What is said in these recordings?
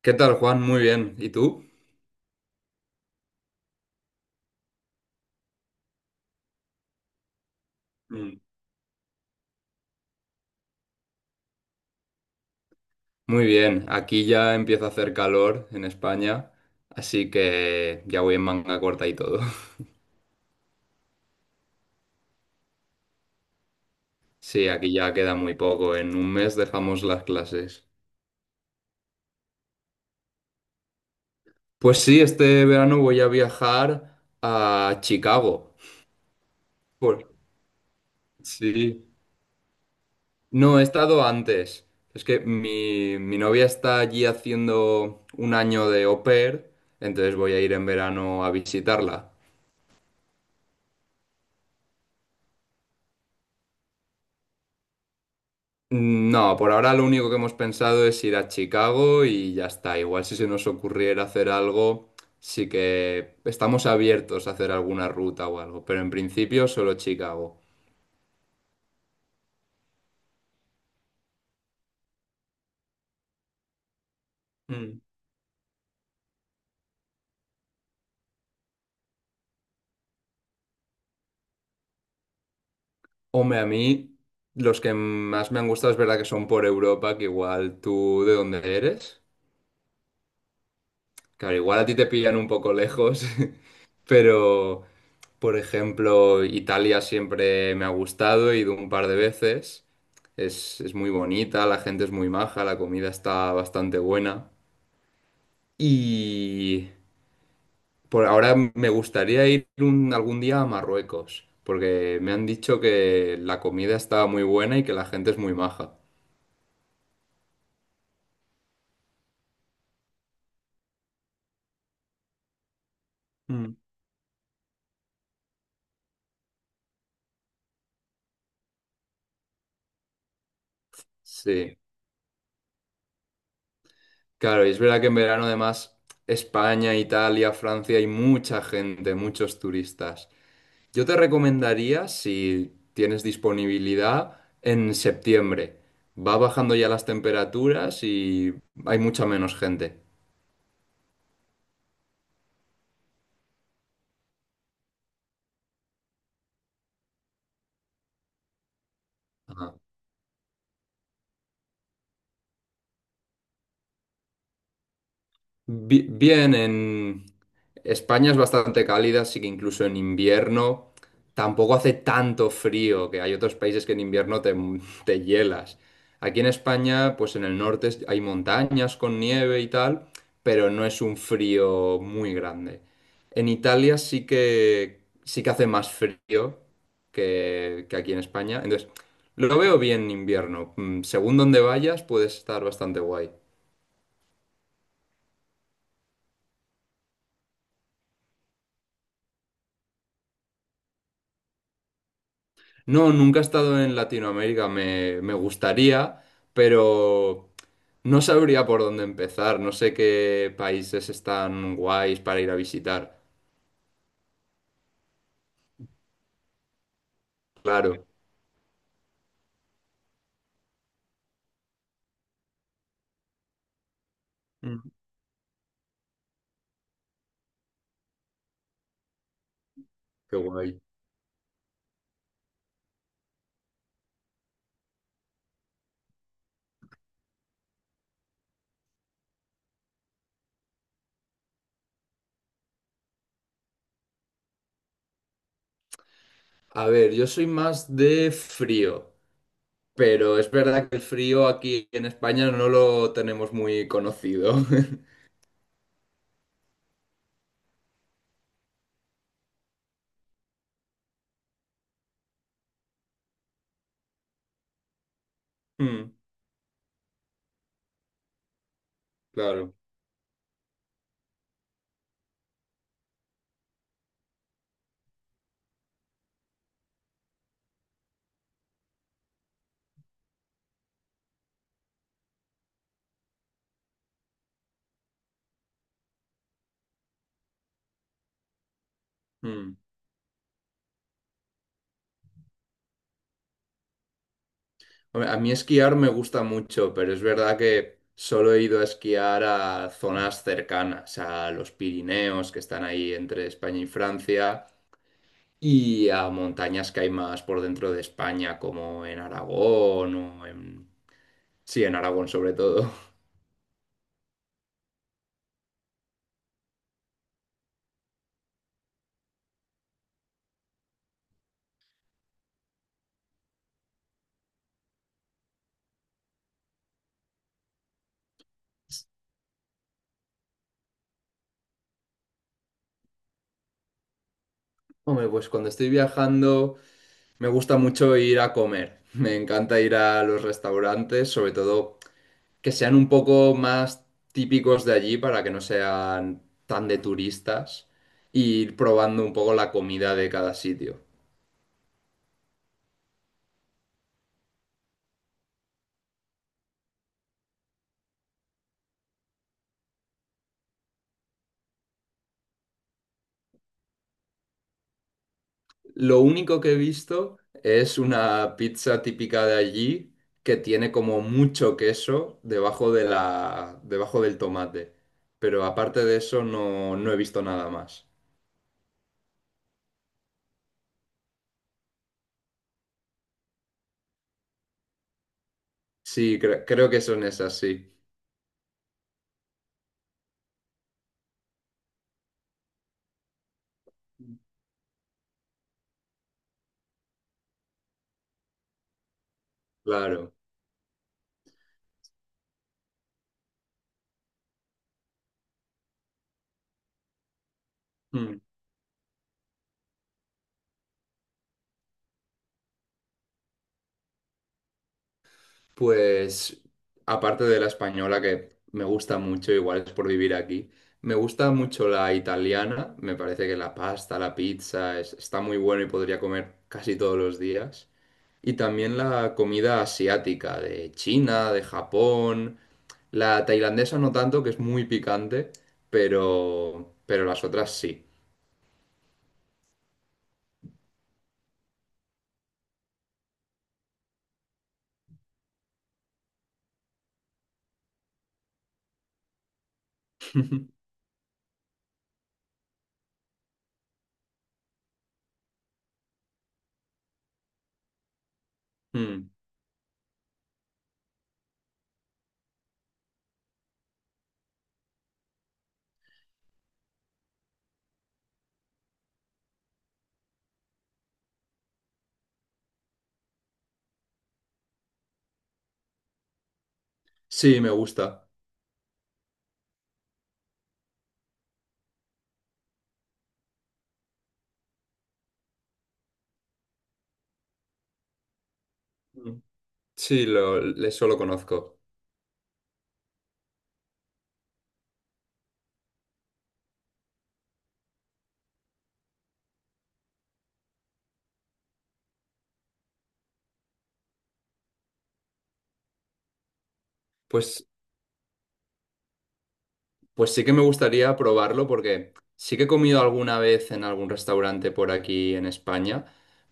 ¿Qué tal, Juan? Muy bien. ¿Y tú? Mm. Muy bien. Aquí ya empieza a hacer calor en España, así que ya voy en manga corta y todo. Sí, aquí ya queda muy poco. En un mes dejamos las clases. Pues sí, este verano voy a viajar a Chicago. Por- Sí. No, he estado antes. Es que mi novia está allí haciendo un año de au pair, entonces voy a ir en verano a visitarla. No, por ahora lo único que hemos pensado es ir a Chicago y ya está. Igual si se nos ocurriera hacer algo, sí que estamos abiertos a hacer alguna ruta o algo, pero en principio solo Chicago. Mm. Hombre, a mí los que más me han gustado es verdad que son por Europa, que igual tú, ¿de dónde eres? Claro, igual a ti te pillan un poco lejos, pero por ejemplo, Italia siempre me ha gustado, he ido un par de veces. Es muy bonita, la gente es muy maja, la comida está bastante buena. Y por ahora me gustaría ir algún día a Marruecos, porque me han dicho que la comida está muy buena y que la gente es muy maja. Mm. Sí. Claro, y es verdad que en verano además España, Italia, Francia hay mucha gente, muchos turistas. Yo te recomendaría, si tienes disponibilidad, en septiembre. Va bajando ya las temperaturas y hay mucha menos gente. Bien, en España es bastante cálida, así que incluso en invierno tampoco hace tanto frío, que hay otros países que en invierno te hielas. Aquí en España, pues en el norte hay montañas con nieve y tal, pero no es un frío muy grande. En Italia sí que hace más frío que aquí en España, entonces lo veo bien en invierno. Mm. Según donde vayas puedes estar bastante guay. No, nunca he estado en Latinoamérica, me gustaría, pero no sabría por dónde empezar, no sé qué países están guays para ir a visitar. Claro. Mm, qué guay. A ver, yo soy más de frío, pero es verdad que el frío aquí en España no lo tenemos muy conocido. Mm. Claro. Mm. Hombre, a mí esquiar me gusta mucho, pero es verdad que solo he ido a esquiar a zonas cercanas, a los Pirineos, que están ahí entre España y Francia, y a montañas que hay más por dentro de España, como en Aragón o en... Sí, en Aragón sobre todo. Hombre, pues cuando estoy viajando me gusta mucho ir a comer. Me encanta ir a los restaurantes, sobre todo que sean un poco más típicos de allí para que no sean tan de turistas e ir probando un poco la comida de cada sitio. Lo único que he visto es una pizza típica de allí que tiene como mucho queso debajo de debajo del tomate. Pero aparte de eso no, no he visto nada más. Sí, creo que son esas, sí. Claro. Hmm. Pues aparte de la española, que me gusta mucho, igual es por vivir aquí, me gusta mucho la italiana, me parece que la pasta, la pizza, está muy bueno y podría comer casi todos los días. Y también la comida asiática, de China, de Japón, la tailandesa no tanto, que es muy picante, pero las otras sí. Mm. Sí, me gusta. Mm, sí, eso lo conozco. Pues Pues sí que me gustaría probarlo porque sí que he comido alguna vez en algún restaurante por aquí en España,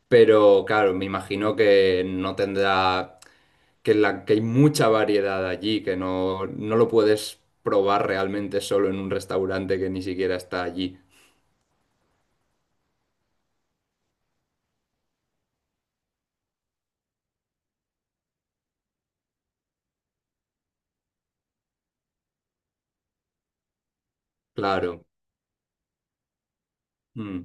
pero claro, me imagino que no tendrá, que hay mucha variedad allí, que no, no lo puedes probar realmente solo en un restaurante que ni siquiera está allí. Claro. Mm.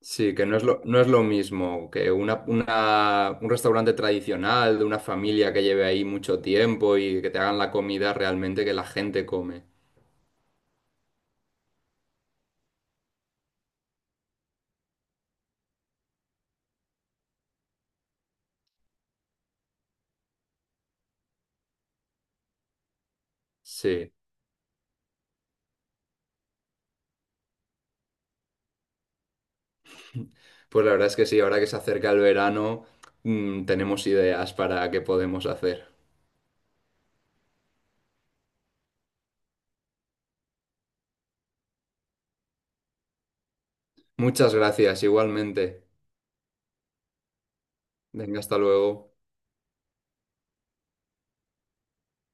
Sí, que no es no es lo mismo que un restaurante tradicional de una familia que lleve ahí mucho tiempo y que te hagan la comida realmente que la gente come. Sí. Pues la verdad es que sí, ahora que se acerca el verano, mm, tenemos ideas para qué podemos hacer. Muchas gracias, igualmente. Venga, hasta luego.